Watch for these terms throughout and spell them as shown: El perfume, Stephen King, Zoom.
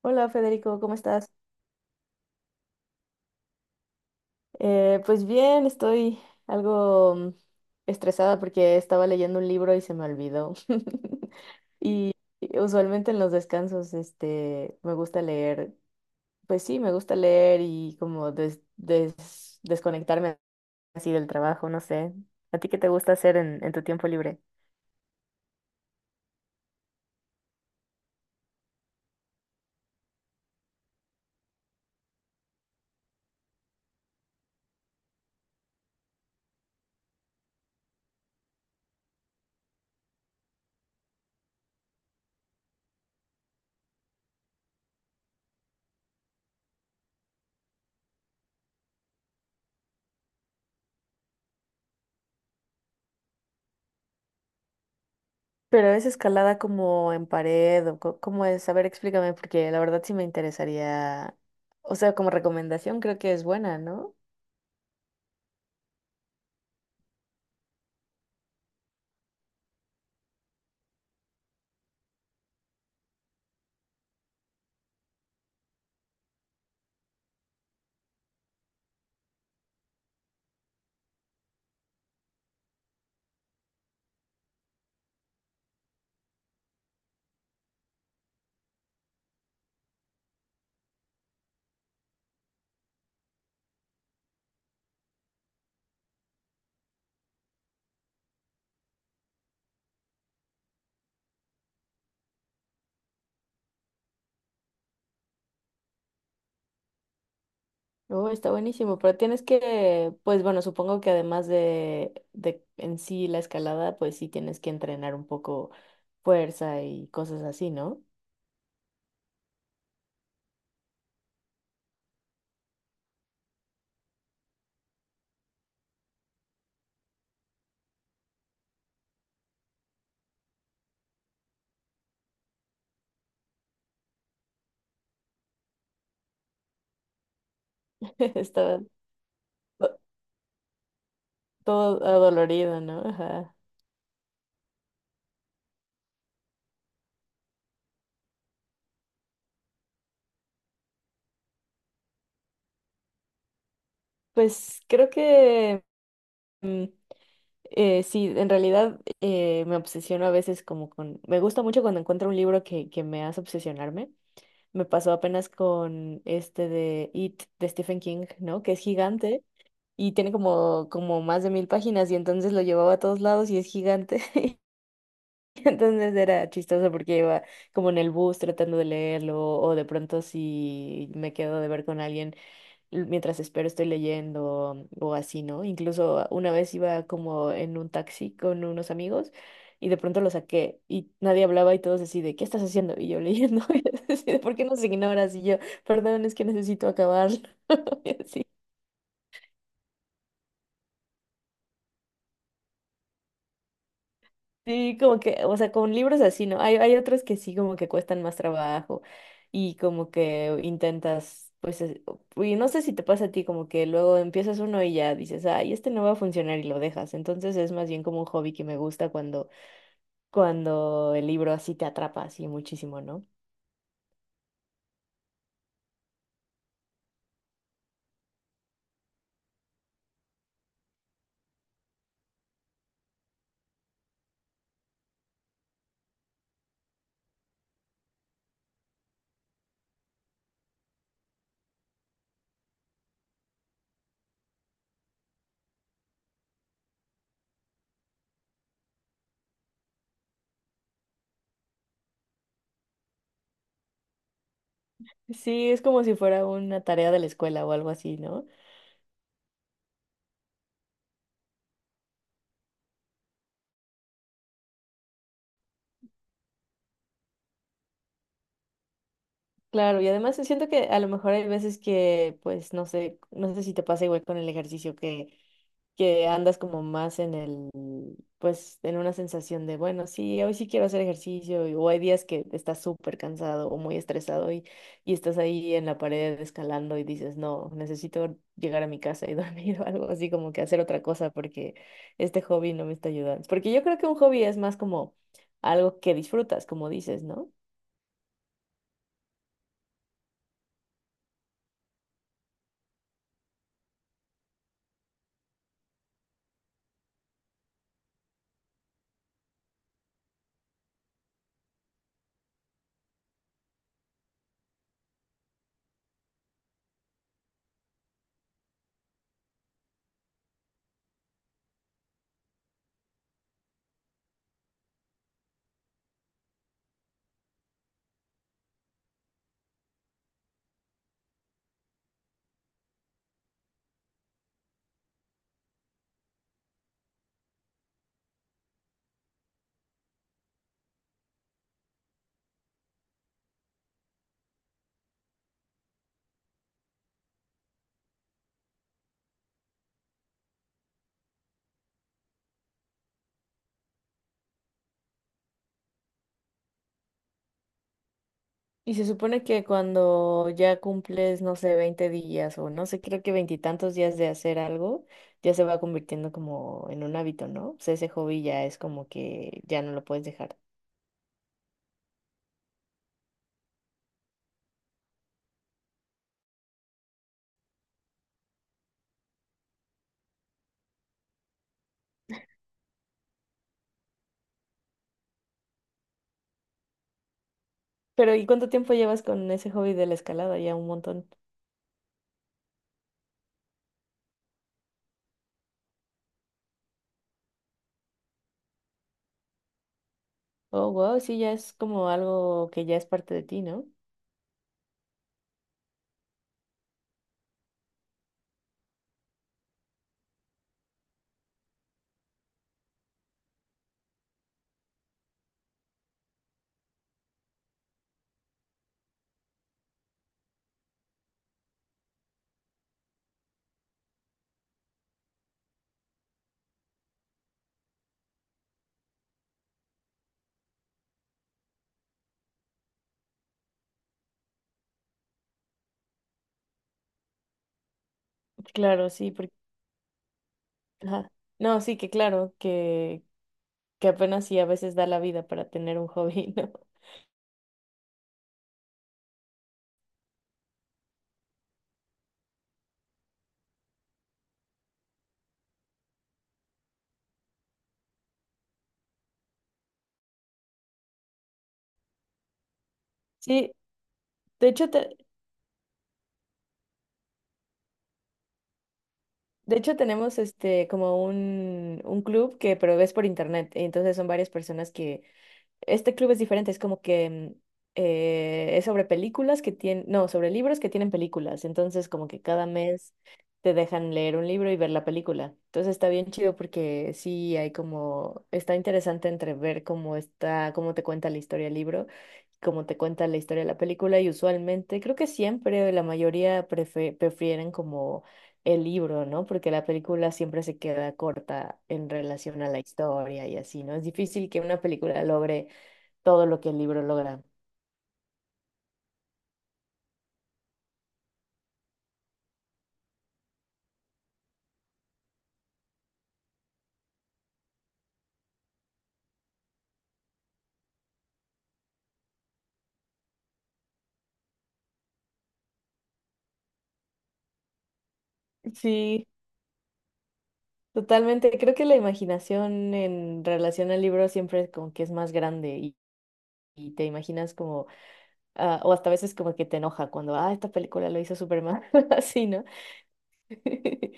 Hola Federico, ¿cómo estás? Pues bien, estoy algo estresada porque estaba leyendo un libro y se me olvidó. Y usualmente en los descansos, este, me gusta leer, pues sí, me gusta leer y como desconectarme así del trabajo, no sé. ¿A ti qué te gusta hacer en tu tiempo libre? Pero ¿es escalada como en pared o cómo es? A ver, explícame, porque la verdad sí me interesaría, o sea, como recomendación creo que es buena, ¿no? Oh, está buenísimo, pero tienes que, pues bueno, supongo que además de en sí la escalada, pues sí tienes que entrenar un poco fuerza y cosas así, ¿no? Está to- todo adolorido, ¿no? Ajá. Pues creo que mm, sí, en realidad me obsesiono a veces me gusta mucho cuando encuentro un libro que me hace obsesionarme. Me pasó apenas con este de It de Stephen King, ¿no? Que es gigante. Y tiene como, como más de 1.000 páginas, y entonces lo llevaba a todos lados y es gigante. Entonces era chistoso porque iba como en el bus tratando de leerlo, o de pronto si me quedo de ver con alguien mientras espero estoy leyendo o así, ¿no? Incluso una vez iba como en un taxi con unos amigos y de pronto lo saqué y nadie hablaba y todos así de: ¿qué estás haciendo? Y yo leyendo, y así de: ¿por qué nos ignoras? Y yo: perdón, es que necesito acabarlo. Y así, sí, como que, o sea, con libros así, ¿no? Hay otros que sí, como que cuestan más trabajo y como que intentas, pues, y no sé si te pasa a ti, como que luego empiezas uno y ya dices: ay, este no va a funcionar, y lo dejas. Entonces es más bien como un hobby que me gusta cuando, cuando el libro así te atrapa así muchísimo, ¿no? Sí, es como si fuera una tarea de la escuela o algo así, ¿no? Claro, y además siento que a lo mejor hay veces que, pues, no sé, no sé si te pasa igual con el ejercicio, que andas como más en el, pues en una sensación de, bueno, sí, hoy sí quiero hacer ejercicio, y o hay días que estás súper cansado o muy estresado y estás ahí en la pared escalando y dices: no, necesito llegar a mi casa y dormir, o algo así, como que hacer otra cosa porque este hobby no me está ayudando. Porque yo creo que un hobby es más como algo que disfrutas, como dices, ¿no? Y se supone que cuando ya cumples, no sé, 20 días o no sé, creo que veintitantos días de hacer algo, ya se va convirtiendo como en un hábito, ¿no? O sea, ese hobby ya es como que ya no lo puedes dejar. Pero ¿y cuánto tiempo llevas con ese hobby de la escalada? Ya un montón. Oh, wow, sí, ya es como algo que ya es parte de ti, ¿no? Claro, sí, porque... ajá. No, sí, que claro, que apenas sí a veces da la vida para tener un hobby, ¿no? Sí, de de hecho, tenemos este como un club, que pero es por internet. Entonces son varias personas que, este club es diferente, es como que es sobre películas que tienen, no, sobre libros que tienen películas. Entonces, como que cada mes te dejan leer un libro y ver la película. Entonces está bien chido porque sí hay como, está interesante entre ver cómo está, cómo te cuenta la historia el libro, cómo te cuenta la historia de la película, y usualmente, creo que siempre la mayoría prefieren como el libro, ¿no? Porque la película siempre se queda corta en relación a la historia y así, ¿no? Es difícil que una película logre todo lo que el libro logra. Sí, totalmente. Creo que la imaginación en relación al libro siempre es como que es más grande y te imaginas como, ah, o hasta a veces como que te enoja cuando, ah, esta película lo hizo Superman, así, ¿no?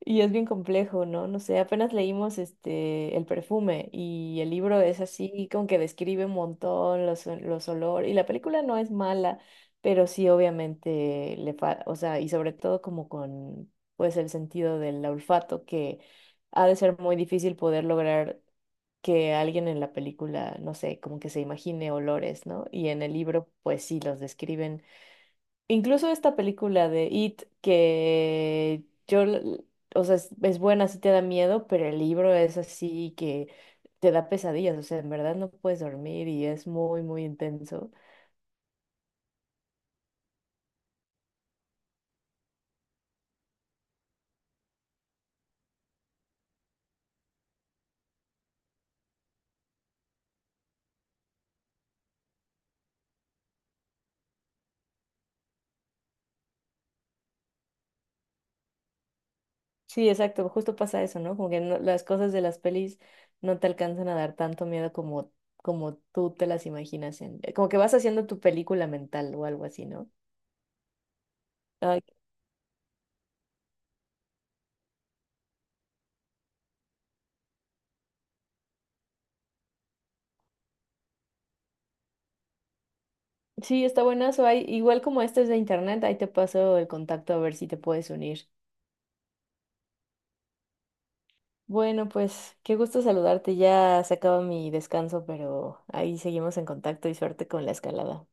Y es bien complejo, ¿no? No sé, apenas leímos este El perfume y el libro es así como que describe un montón los, los olores, y la película no es mala, pero sí obviamente le falta, o sea, y sobre todo como con pues el sentido del olfato, que ha de ser muy difícil poder lograr que alguien en la película, no sé, como que se imagine olores, ¿no? Y en el libro pues sí los describen. Incluso esta película de It, que yo, o sea, es buena, sí te da miedo, pero el libro es así que te da pesadillas, o sea, en verdad no puedes dormir y es muy, muy intenso. Sí, exacto, justo pasa eso, ¿no? Como que las cosas de las pelis no te alcanzan a dar tanto miedo como, como tú te las imaginas, en, como que vas haciendo tu película mental o algo así, ¿no? Ay, sí, está buenazo. Hay, igual como este es de internet, ahí te paso el contacto a ver si te puedes unir. Bueno, pues qué gusto saludarte. Ya se acaba mi descanso, pero ahí seguimos en contacto y suerte con la escalada.